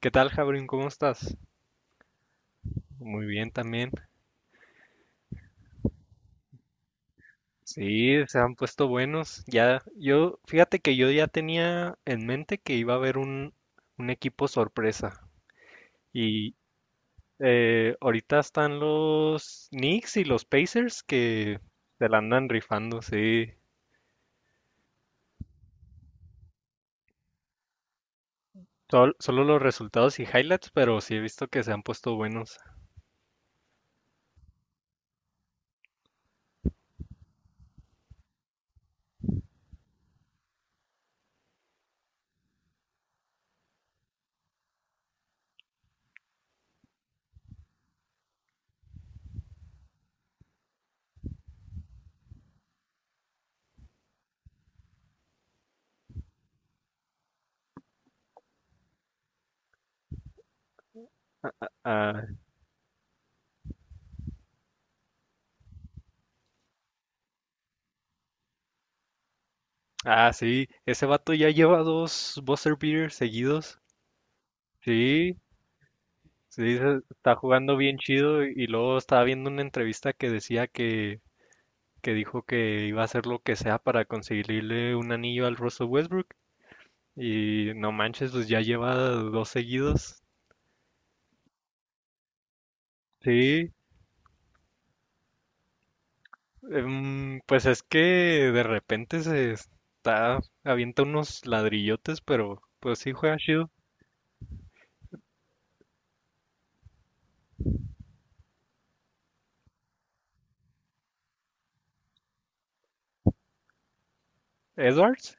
¿Qué tal, Jabrín? ¿Cómo estás? Muy bien también. Sí, se han puesto buenos. Ya, fíjate que yo ya tenía en mente que iba a haber un equipo sorpresa. Y ahorita están los Knicks y los Pacers que se la andan rifando, sí. Solo los resultados y highlights, pero sí he visto que se han puesto buenos. Ah, ah, sí, ese vato ya lleva dos buzzer beaters seguidos. Sí, sí, está jugando bien chido y luego estaba viendo una entrevista que decía que dijo que iba a hacer lo que sea para conseguirle un anillo al Russell Westbrook y no manches, pues ya lleva dos seguidos. Sí, pues es que de repente avienta unos ladrillotes, pero pues sí juega chido. Edwards,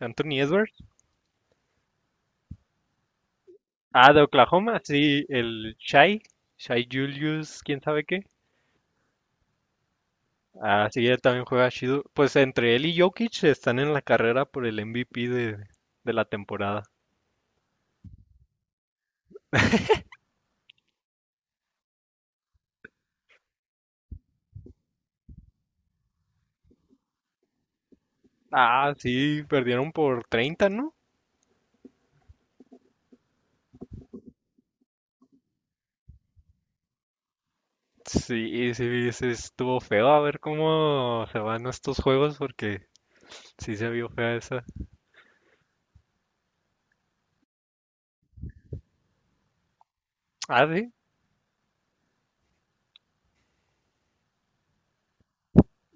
Anthony Edwards. Ah, de Oklahoma, sí, el Shai Julius, quién sabe qué. Ah, sí, él también juega chido. Pues entre él y Jokic están en la carrera por el MVP de la temporada. Ah, sí, perdieron por 30, ¿no? Sí, sí, sí, estuvo feo. A ver cómo se van estos juegos porque sí se vio fea esa. Ah, sí.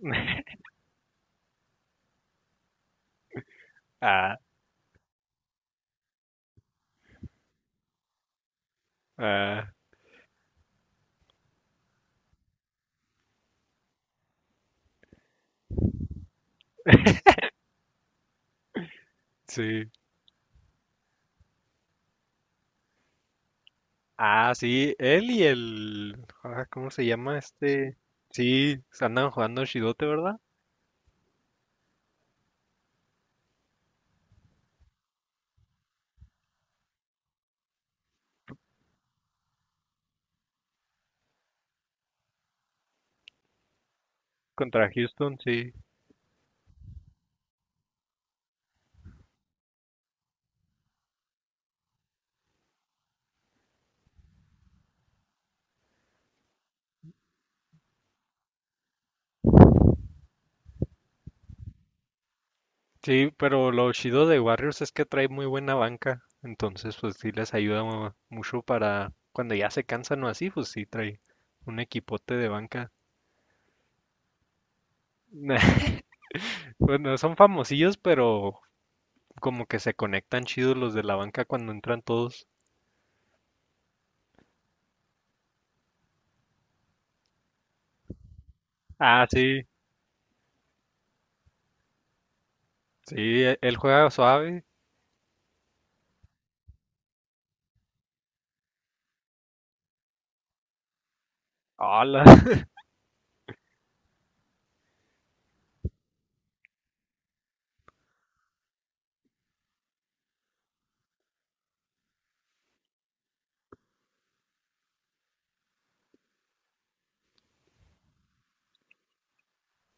Ah, ah, sí. Ah, sí, él y ah, ¿cómo se llama este? Sí, andan jugando chidote, ¿verdad? Contra Houston, sí. Sí, pero lo chido de Warriors es que trae muy buena banca, entonces pues sí les ayuda mucho para cuando ya se cansan o así, pues sí trae un equipote de banca. Bueno, son famosillos, pero como que se conectan chidos los de la banca cuando entran todos. Ah, sí, sí, él juega suave. Hola,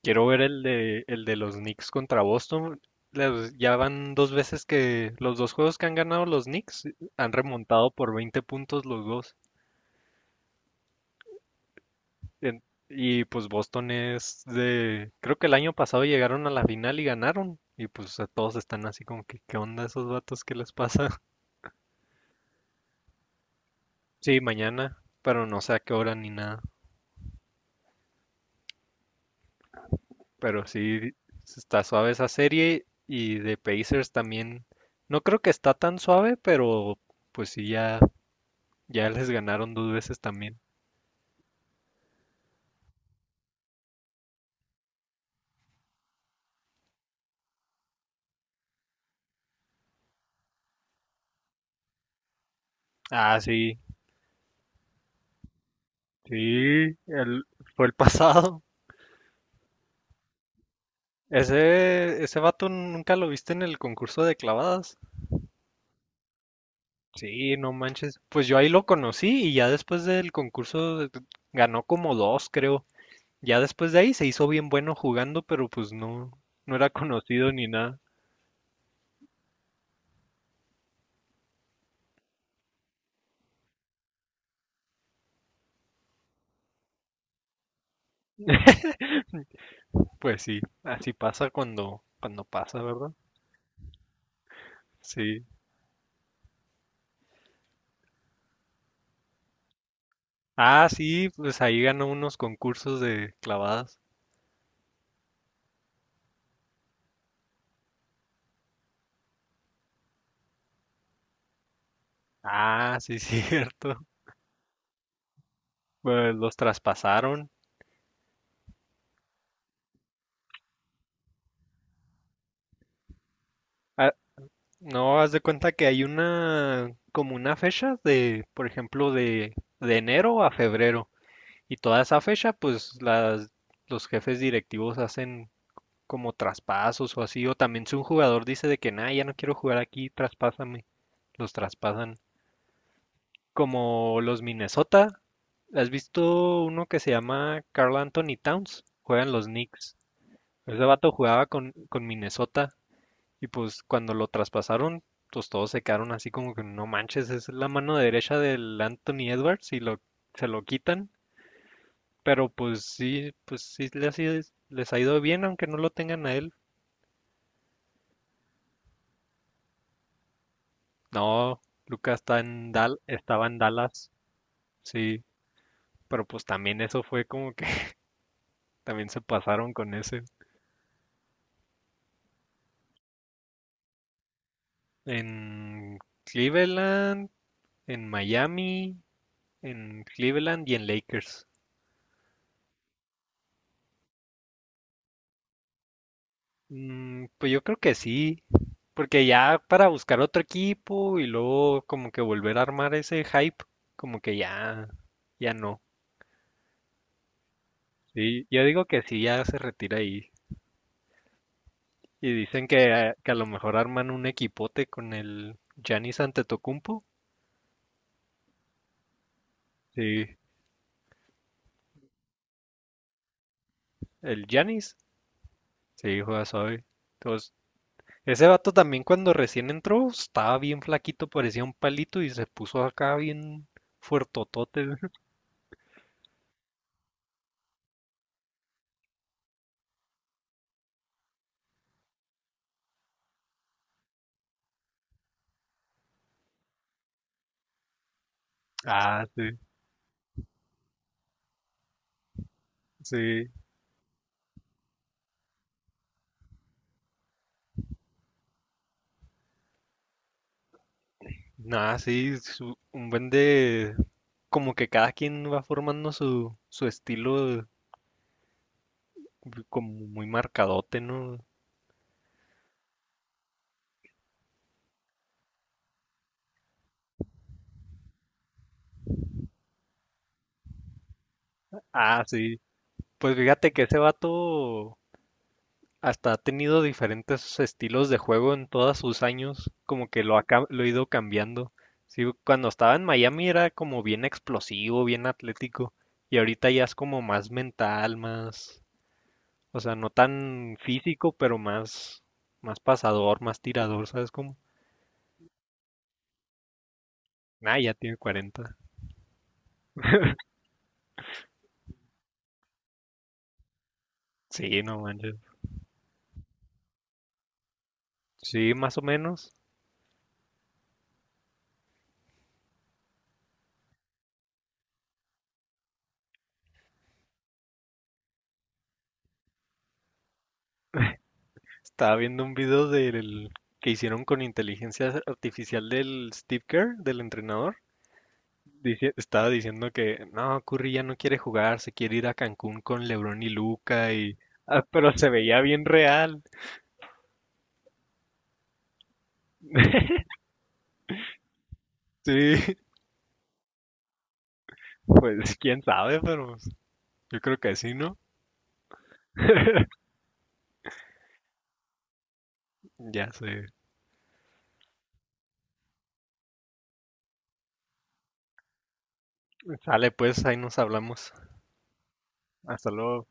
quiero ver el de los Knicks contra Boston. Les- ya van dos veces que los dos juegos que han ganado los Knicks han remontado por 20 puntos los dos. En- y pues Boston es de, creo que el año pasado llegaron a la final y ganaron. Y pues a todos están así como que, ¿qué onda esos vatos? ¿Qué les pasa? Sí, mañana, pero no sé a qué hora ni nada. Pero sí, está suave esa serie y de Pacers también. No creo que está tan suave, pero pues sí, ya, ya les ganaron dos veces también. Ah, sí, sí, fue el pasado. Ese vato nunca lo viste en el concurso de clavadas. Sí, no manches. Pues yo ahí lo conocí y ya después del concurso ganó como dos, creo. Ya después de ahí se hizo bien bueno jugando, pero pues no, no era conocido ni nada. Pues sí, así pasa cuando, cuando pasa, ¿verdad? Sí. Ah, sí, pues ahí ganó unos concursos de clavadas. Ah, sí, cierto. Pues los traspasaron. Ah, no, haz de cuenta que hay una, como una fecha de, por ejemplo, de enero a febrero. Y toda esa fecha, pues las, los jefes directivos hacen como traspasos o así, o también si un jugador dice de que, nada, ya no quiero jugar aquí, traspásame, los traspasan. Como los Minnesota, ¿has visto uno que se llama Carl Anthony Towns? Juegan los Knicks. Ese vato jugaba con Minnesota y pues cuando lo traspasaron, pues todos se quedaron así como que no manches, es la mano derecha del Anthony Edwards y lo, se lo quitan. Pero pues sí les ha ido bien, aunque no lo tengan a él. No, Lucas estaba en Dallas, sí, pero pues también eso fue como que también se pasaron con ese. En Cleveland, en Miami, en Cleveland y en Lakers. Mm, pues yo creo que sí, porque ya para buscar otro equipo y luego como que volver a armar ese hype, como que ya, ya no. Sí, yo digo que sí, ya se retira ahí. Y dicen que, a lo mejor arman un equipote con el Giannis Antetokounmpo. Sí, el Giannis. Sí, juega suave. Entonces, ese vato también cuando recién entró estaba bien flaquito, parecía un palito y se puso acá bien fuertotote. Ah, sí, sí. Nada, sí, un buen de... Como que cada quien va formando su estilo como muy marcadote, ¿no? Ah, sí. Pues fíjate que ese vato hasta ha tenido diferentes estilos de juego en todos sus años, como que lo ha ido cambiando. Sí, cuando estaba en Miami era como bien explosivo, bien atlético, y ahorita ya es como más mental, más, o sea, no tan físico, pero más, más pasador, más tirador, ¿sabes cómo? Ah, ya tiene 40. Sí, no manches. Sí, más o menos. Estaba viendo un video del que hicieron con inteligencia artificial del Steve Kerr, del entrenador. Estaba diciendo que no, Curry ya no quiere jugar, se quiere ir a Cancún con LeBron y Luca y ah, pero se veía bien real. Sí, pues quién sabe, pero pues, yo creo que sí, ¿no? Ya se sale, pues ahí nos hablamos. Hasta luego.